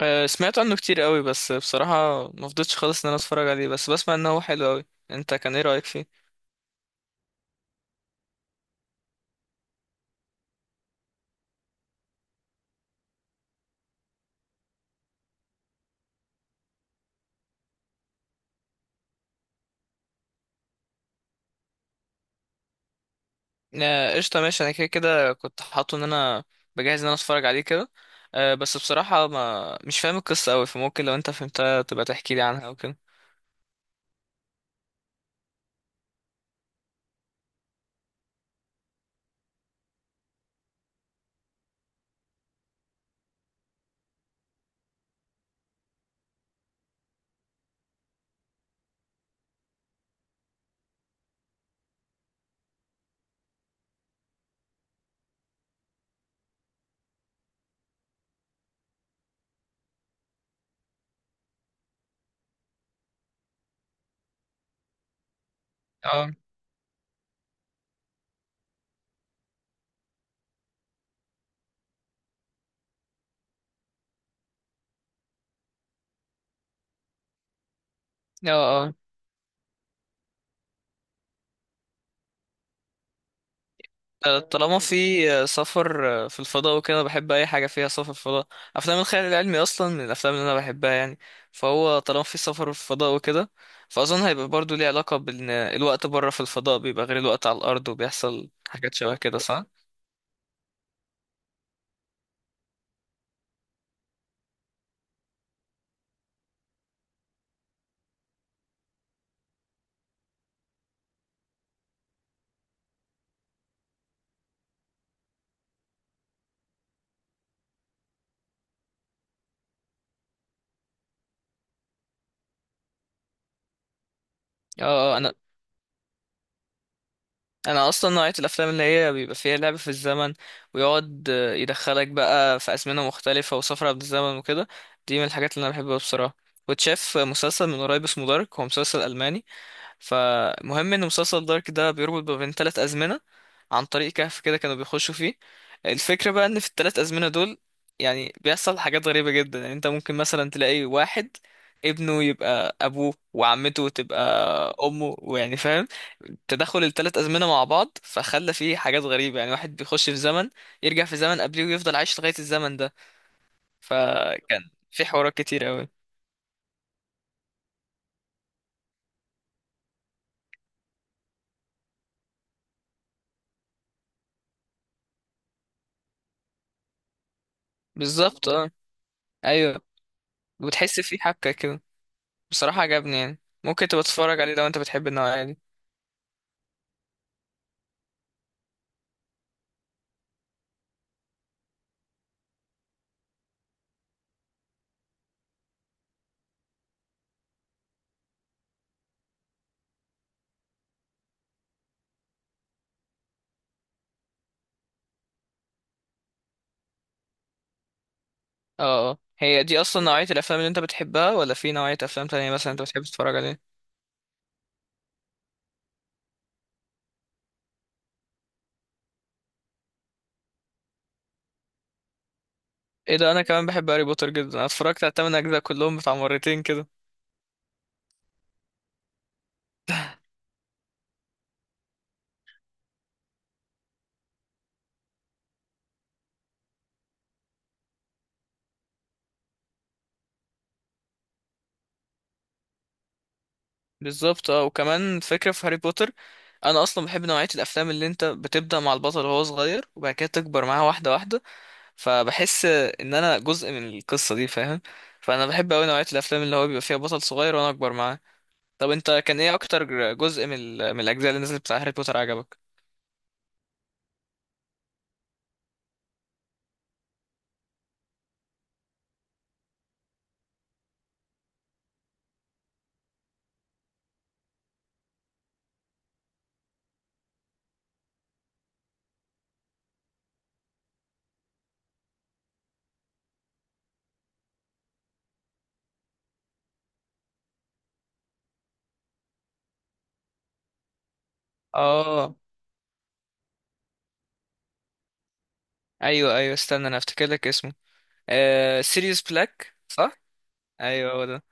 سمعت عنه كتير قوي، بس بصراحة ما فضيتش خالص ان انا اتفرج عليه، بس بسمع انه هو حلو قوي. انت كان ايه رأيك فيه؟ قشطة، ماشي. انا كده كنت حاطه ان انا بجهز ان انا اتفرج عليه كده. بس بصراحة ما مش فاهم القصة قوي، فممكن لو انت فهمتها تبقى تحكي لي عنها او كده. اه اه طالما في سفر، في الفضاء وكده، بحب اي حاجه فيها سفر في الفضاء. افلام الخيال العلمي اصلا من الافلام اللي انا بحبها يعني. فهو طالما في سفر في الفضاء وكده، فاظن هيبقى برضو ليه علاقه بان الوقت بره في الفضاء بيبقى غير الوقت على الارض، وبيحصل حاجات شبه كده، صح؟ اه آه، انا انا اصلا نوعيه الافلام اللي هي بيبقى فيها لعب في الزمن، ويقعد يدخلك بقى في ازمنه مختلفه وسفر عبر الزمن وكده، دي من الحاجات اللي انا بحبها بصراحه. وتشاف مسلسل من قريب اسمه دارك، هو مسلسل الماني. فمهم ان مسلسل دارك ده بيربط ما بين ثلاث ازمنه عن طريق كهف كده كانوا بيخشوا فيه. الفكره بقى ان في الثلاث ازمنه دول يعني بيحصل حاجات غريبه جدا، يعني انت ممكن مثلا تلاقي واحد ابنه يبقى ابوه، وعمته تبقى امه، ويعني فاهم، تدخل الثلاث ازمنه مع بعض، فخلى فيه حاجات غريبه، يعني واحد بيخش في زمن يرجع في زمن قبليه ويفضل عايش لغايه الزمن ده. فكان في حوارات كتير قوي. بالظبط، اه. ايوه. وتحس في حبكه كده. بصراحة عجبني يعني، ممكن تبقى تتفرج عليه لو انت بتحب النوعية دي. اه اه، هي دي اصلا نوعية الافلام اللي انت بتحبها، ولا في نوعية افلام تانية مثلا انت بتحب تتفرج عليها؟ ايه ده، انا كمان بحب هاري بوتر جدا، انا اتفرجت على التمن اجزاء كلهم بتاع مرتين كده. بالظبط اه. وكمان فكرة في هاري بوتر، انا اصلا بحب نوعية الافلام اللي انت بتبدأ مع البطل وهو صغير وبعد كده تكبر معاه واحدة واحدة، فبحس ان انا جزء من القصة دي، فاهم؟ فانا بحب اوي نوعية الافلام اللي هو بيبقى فيها بطل صغير وانا اكبر معاه. طب انت كان ايه اكتر جزء من من الاجزاء اللي نزلت بتاع هاري بوتر عجبك؟ اه، ايوه ايوه، استنى انا افتكر لك اسمه. سيريوس بلاك، صح؟ ايوه هو ده.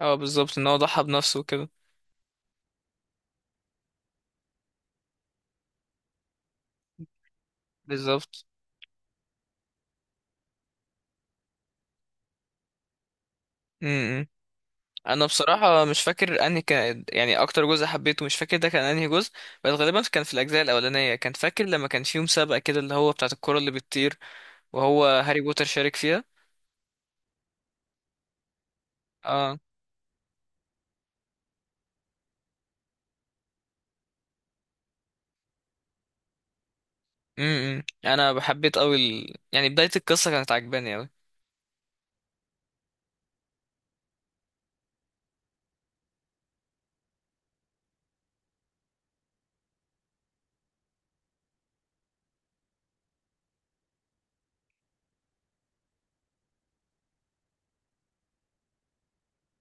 اه، بالظبط، ان هو ضحى بنفسه وكده. بالظبط. امم، انا بصراحه مش فاكر انهي كان يعني اكتر جزء حبيته، مش فاكر ده كان انهي جزء. بس غالبا كان في الاجزاء الاولانيه، كان فاكر لما كان في مسابقه كده اللي هو بتاعه الكره اللي بتطير وهو هاري بوتر شارك فيها. اه. امم، انا بحبيت قوي يعني بدايه القصه كانت عجباني قوي.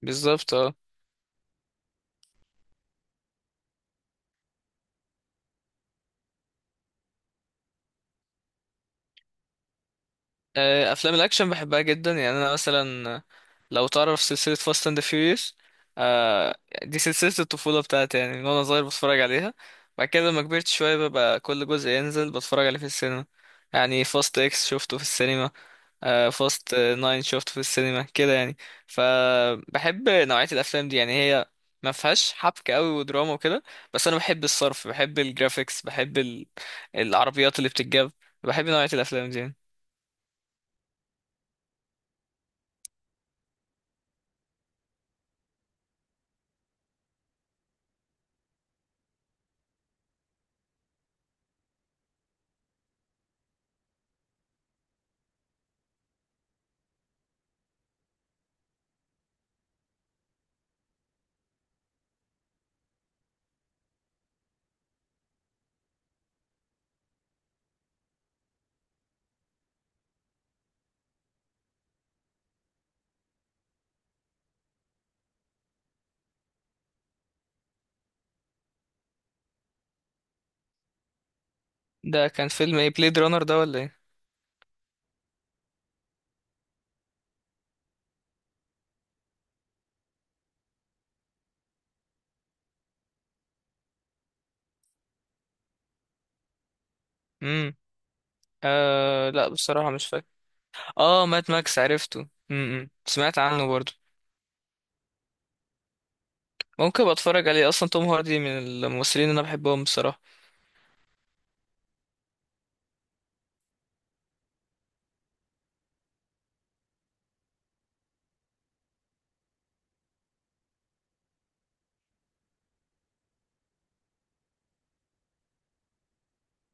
بالظبط اه. افلام الاكشن بحبها جدا، يعني انا مثلا لو تعرف سلسله فاست اند فيوريوس، دي سلسله الطفوله بتاعتي يعني، من وانا صغير بتفرج عليها. بعد كده لما كبرت شويه ببقى كل جزء ينزل بتفرج عليه في السينما، يعني فاست اكس شفته في السينما، فاست ناين شفته في السينما كده يعني. فبحب نوعيه الافلام دي، يعني هي ما فيهاش حبكه قوي ودراما وكده، بس انا بحب الصرف، بحب الجرافيكس، بحب العربيات اللي بتتجاب. بحب نوعيه الافلام دي يعني. ده كان فيلم ايه، بليد رانر ده ولا ايه؟ امم. آه لا، بصراحة مش فاكر. اه، مات ماكس، عرفته. امم، سمعت عنه برضو. ممكن ابقى اتفرج عليه، اصلا توم هاردي من الممثلين اللي انا بحبهم بصراحة.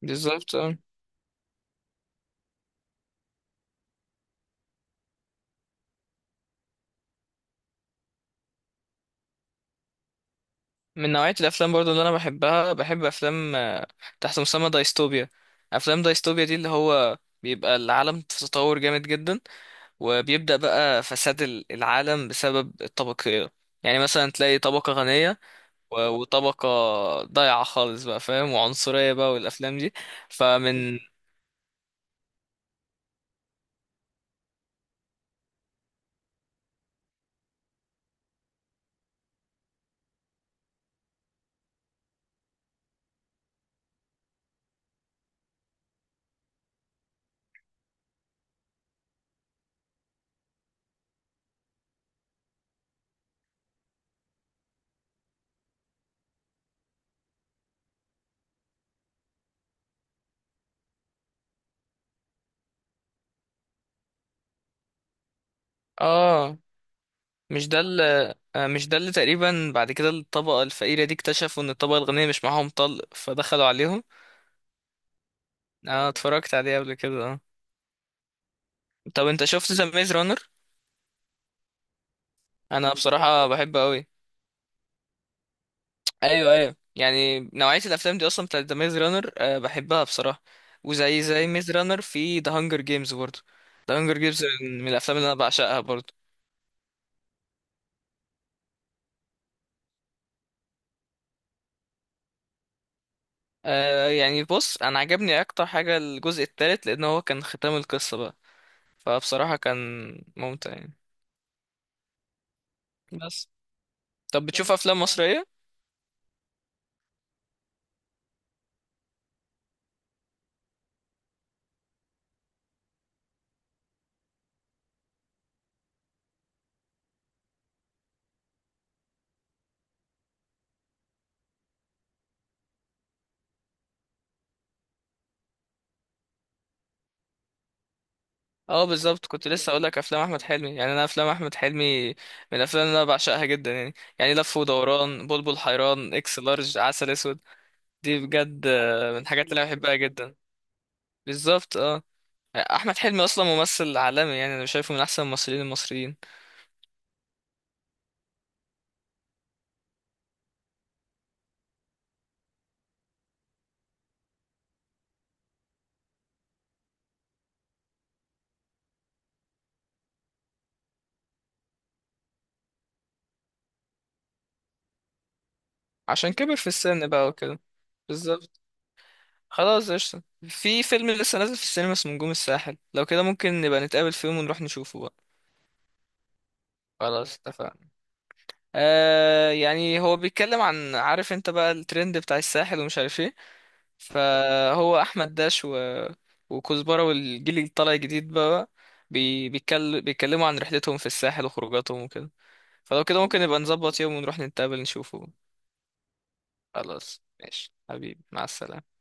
بالظبط. آه. من نوعية الافلام برضو اللي انا بحبها، بحب افلام تحت مسمى دايستوبيا. افلام دايستوبيا دي اللي هو بيبقى العالم في تطور جامد جدا، وبيبدأ بقى فساد العالم بسبب الطبقية، يعني مثلا تلاقي طبقة غنية، وطبقة ضايعة خالص بقى، فاهم، وعنصرية بقى، والأفلام دي. فمن، اه، مش ده مش ده اللي تقريبا بعد كده الطبقة الفقيرة دي اكتشفوا ان الطبقة الغنية مش معاهم طلق فدخلوا عليهم؟ انا اتفرجت عليه قبل كده، اه. طب انت شفت ذا ميز رانر؟ انا بصراحة بحبه قوي. ايوه ايوه، يعني نوعية الافلام دي اصلا بتاعت ذا ميز رانر، بحبها بصراحة. وزي ميز رانر في ذا هانجر جيمز برضه، ذا هانجر جيمز من الافلام اللي انا بعشقها برضه. آه يعني بص، انا عجبني اكتر حاجة الجزء الثالث، لان هو كان ختام القصة بقى، فبصراحة كان ممتع يعني. بس، طب بتشوف افلام مصرية؟ اه بالظبط، كنت لسه اقول لك افلام احمد حلمي. يعني انا افلام احمد حلمي من الافلام اللي انا بعشقها جدا يعني. يعني لف ودوران، بلبل حيران، اكس لارج، عسل اسود. دي بجد من الحاجات اللي انا بحبها جدا. بالظبط اه. احمد حلمي اصلا ممثل عالمي، يعني انا شايفه من احسن الممثلين المصريين. عشان كبر في السن بقى وكده. بالظبط. خلاص قشطة. في فيلم لسه نازل في السينما اسمه نجوم الساحل، لو كده ممكن نبقى نتقابل في يوم ونروح نشوفه بقى. خلاص اتفقنا. آه، يعني هو بيتكلم عن، عارف انت بقى الترند بتاع الساحل ومش عارف ايه، فهو احمد داش وكزبرة والجيل اللي طالع جديد بقى، بيتكلموا عن رحلتهم في الساحل وخروجاتهم وكده. فلو كده ممكن نبقى نظبط يوم ونروح نتقابل نشوفه. خلاص ماشي حبيبي، مع السلامة.